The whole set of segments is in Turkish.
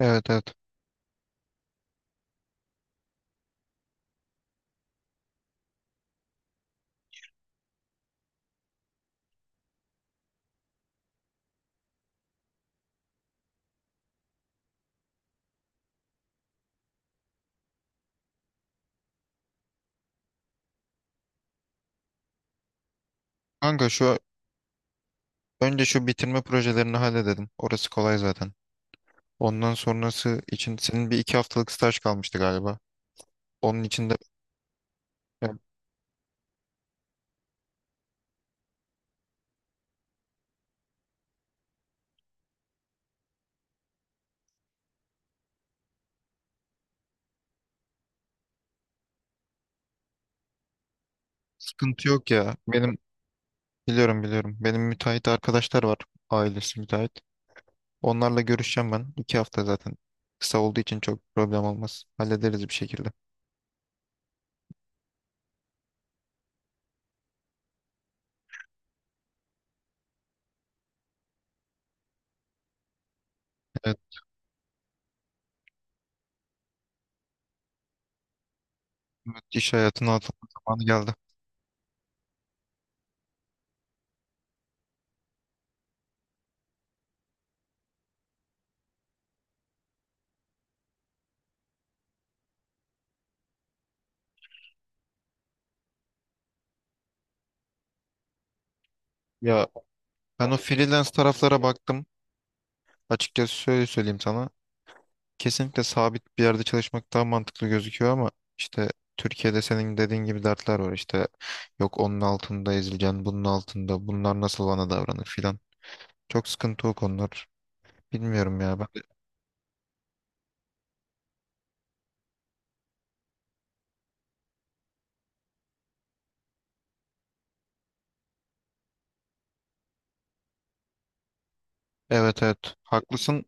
Evet evet. Kanka önce şu bitirme projelerini halledelim. Orası kolay zaten. Ondan sonrası için senin bir iki haftalık staj kalmıştı galiba. Onun içinde yani sıkıntı yok ya. Biliyorum biliyorum. Benim müteahhit arkadaşlar var. Ailesi müteahhit. Onlarla görüşeceğim ben. İki hafta zaten. Kısa olduğu için çok problem olmaz. Hallederiz bir şekilde. Evet, evet, iş hayatına atılma zamanı geldi. Ya ben o freelance taraflara baktım. Açıkçası şöyle söyleyeyim sana. Kesinlikle sabit bir yerde çalışmak daha mantıklı gözüküyor ama işte Türkiye'de senin dediğin gibi dertler var, işte yok onun altında ezileceksin, bunun altında, bunlar nasıl bana davranır filan. Çok sıkıntı o konular. Bilmiyorum ya ben. Evet, evet haklısın.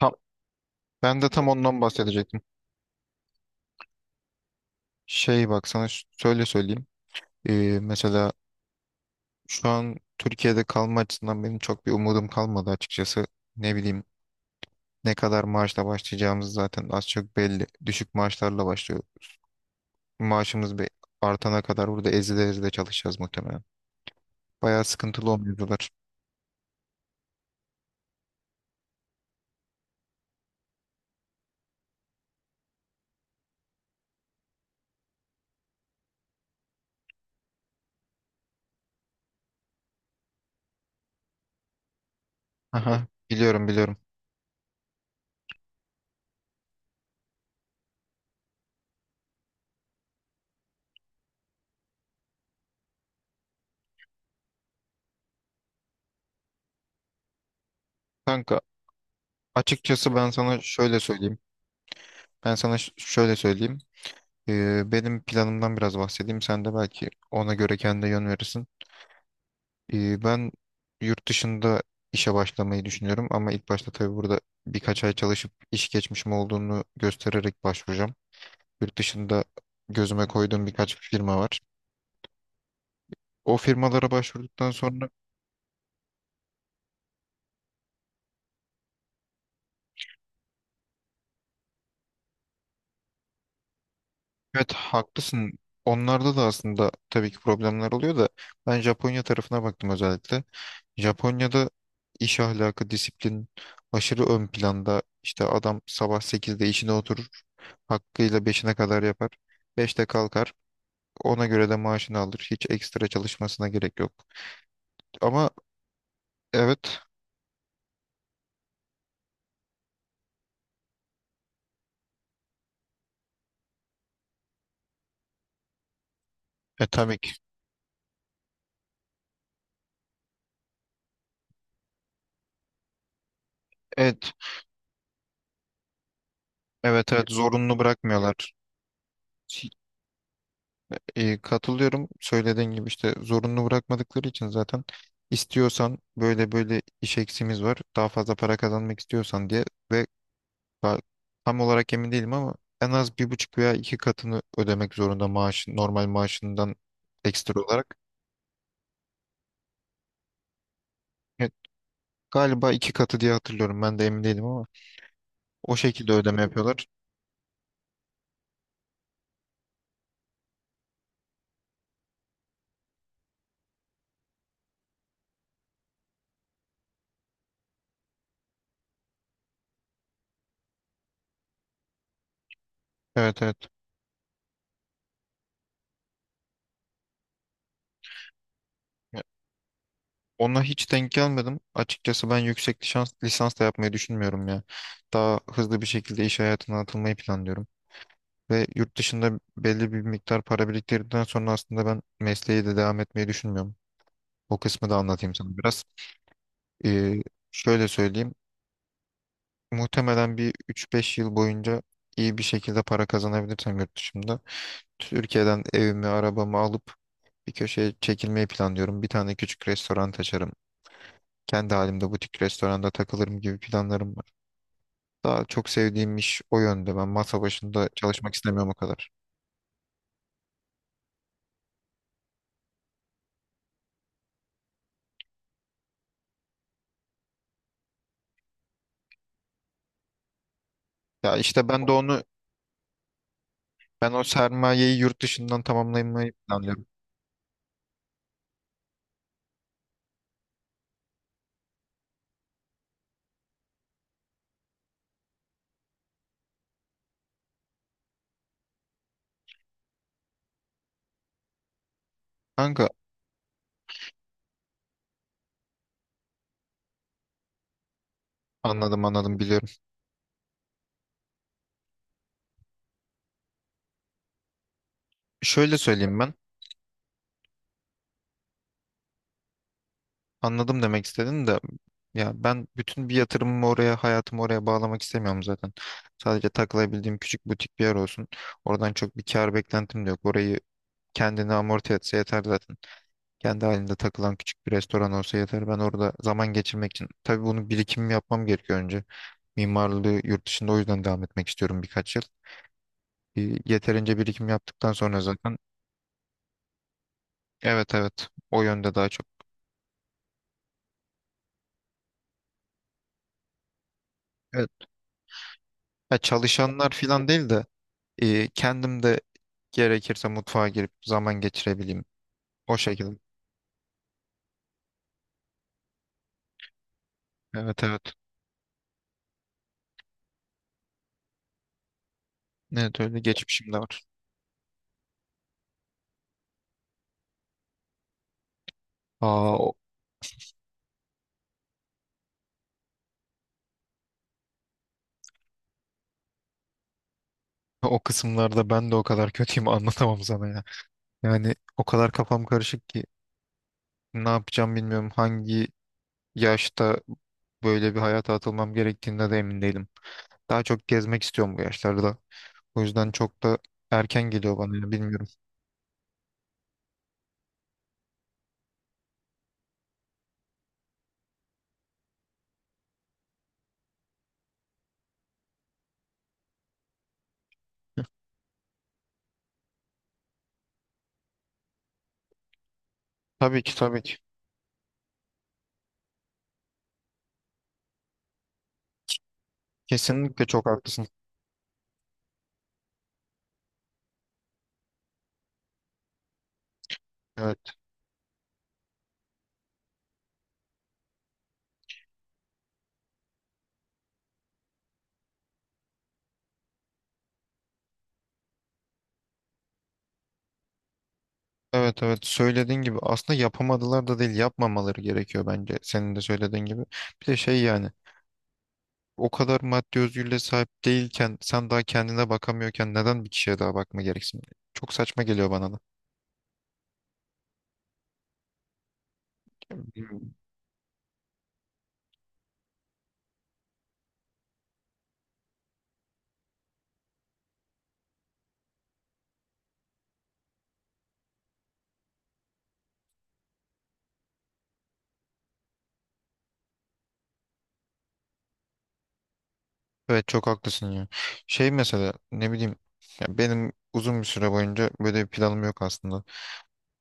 Tam, ben de tam ondan bahsedecektim. Şey bak sana şöyle söyleyeyim. Mesela şu an Türkiye'de kalma açısından benim çok bir umudum kalmadı açıkçası. Ne bileyim, ne kadar maaşla başlayacağımız zaten az çok belli. Düşük maaşlarla başlıyor. Maaşımız bir artana kadar burada ezide ezide çalışacağız muhtemelen. Bayağı sıkıntılı o mevzular. Aha, biliyorum biliyorum. Kanka açıkçası ben sana şöyle söyleyeyim. Ben sana şöyle söyleyeyim. Benim planımdan biraz bahsedeyim. Sen de belki ona göre kendine yön verirsin. Ben yurt dışında işe başlamayı düşünüyorum ama ilk başta tabii burada birkaç ay çalışıp iş geçmişim olduğunu göstererek başvuracağım. Yurt dışında gözüme koyduğum birkaç firma var. O firmalara başvurduktan sonra... Evet, haklısın. Onlarda da aslında tabii ki problemler oluyor da ben Japonya tarafına baktım özellikle. Japonya'da iş ahlakı, disiplin aşırı ön planda. İşte adam sabah sekizde işine oturur. Hakkıyla beşine kadar yapar. Beşte kalkar. Ona göre de maaşını alır. Hiç ekstra çalışmasına gerek yok. Ama evet, tabii ki. Evet, evet, evet, zorunlu bırakmıyorlar. E, katılıyorum. Söylediğin gibi işte zorunlu bırakmadıkları için zaten istiyorsan böyle böyle iş eksimiz var. Daha fazla para kazanmak istiyorsan diye. Ve ba- tam olarak emin değilim ama en az bir buçuk veya iki katını ödemek zorunda maaşın, normal maaşından ekstra olarak. Evet, galiba iki katı diye hatırlıyorum. Ben de emin değilim ama o şekilde ödeme yapıyorlar. Evet evet. Ya, ona hiç denk gelmedim. Açıkçası ben yüksek lisans, lisans da yapmayı düşünmüyorum ya. Daha hızlı bir şekilde iş hayatına atılmayı planlıyorum. Ve yurt dışında belli bir miktar para biriktirdikten sonra aslında ben mesleği de devam etmeyi düşünmüyorum. O kısmı da anlatayım sana biraz. Ee, şöyle söyleyeyim. Muhtemelen bir 3-5 yıl boyunca iyi bir şekilde para kazanabilirsem yurt dışında. Türkiye'den evimi, arabamı alıp bir köşeye çekilmeyi planlıyorum. Bir tane küçük restoran açarım. Kendi halimde butik restoranda takılırım gibi planlarım var. Daha çok sevdiğim iş o yönde. Ben masa başında çalışmak istemiyorum o kadar. Ya işte ben de onu... Ben o sermayeyi yurt dışından tamamlamayı planlıyorum. Kanka anladım anladım, biliyorum. Şöyle söyleyeyim ben. Anladım demek istedin de, ya ben bütün bir yatırımımı oraya, hayatımı oraya bağlamak istemiyorum zaten. Sadece takılabildiğim küçük butik bir yer olsun. Oradan çok bir kar beklentim de yok. Orayı kendini amorti etse yeter zaten. Kendi halinde takılan küçük bir restoran olsa yeter. Ben orada zaman geçirmek için. Tabii bunu birikimimi yapmam gerekiyor önce. Mimarlığı yurt dışında o yüzden devam etmek istiyorum birkaç yıl. Yeterince birikim yaptıktan sonra zaten... Evet evet. O yönde daha çok. Evet. Ya çalışanlar falan değil de kendim de gerekirse mutfağa girip zaman geçirebileyim. O şekilde. Evet evet. Evet, öyle geçmişim de var. Aa, o kısımlarda ben de o kadar kötüyüm, anlatamam sana ya. Yani o kadar kafam karışık ki ne yapacağım bilmiyorum. Hangi yaşta böyle bir hayata atılmam gerektiğinde de emin değilim. Daha çok gezmek istiyorum bu yaşlarda. O yüzden çok da erken geliyor bana ya, bilmiyorum. Tabii ki, tabii ki. Kesinlikle çok haklısın. Evet, evet, evet. Söylediğin gibi aslında yapamadılar da değil, yapmamaları gerekiyor bence. Senin de söylediğin gibi. Bir de şey yani, o kadar maddi özgürlüğe sahip değilken, sen daha kendine bakamıyorken neden bir kişiye daha bakma gereksin? Çok saçma geliyor bana da. Bilmiyorum. Evet, çok haklısın ya. Şey mesela, ne bileyim, ya benim uzun bir süre boyunca böyle bir planım yok aslında.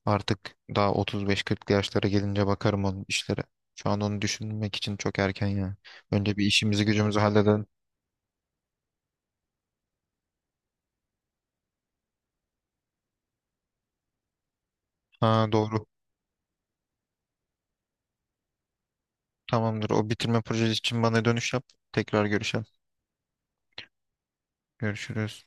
Artık daha 35-40 yaşlara gelince bakarım onun işlere. Şu an onu düşünmek için çok erken ya. Önce bir işimizi gücümüzü halledelim. Ha doğru. Tamamdır. O bitirme projesi için bana dönüş yap. Tekrar görüşelim. Görüşürüz.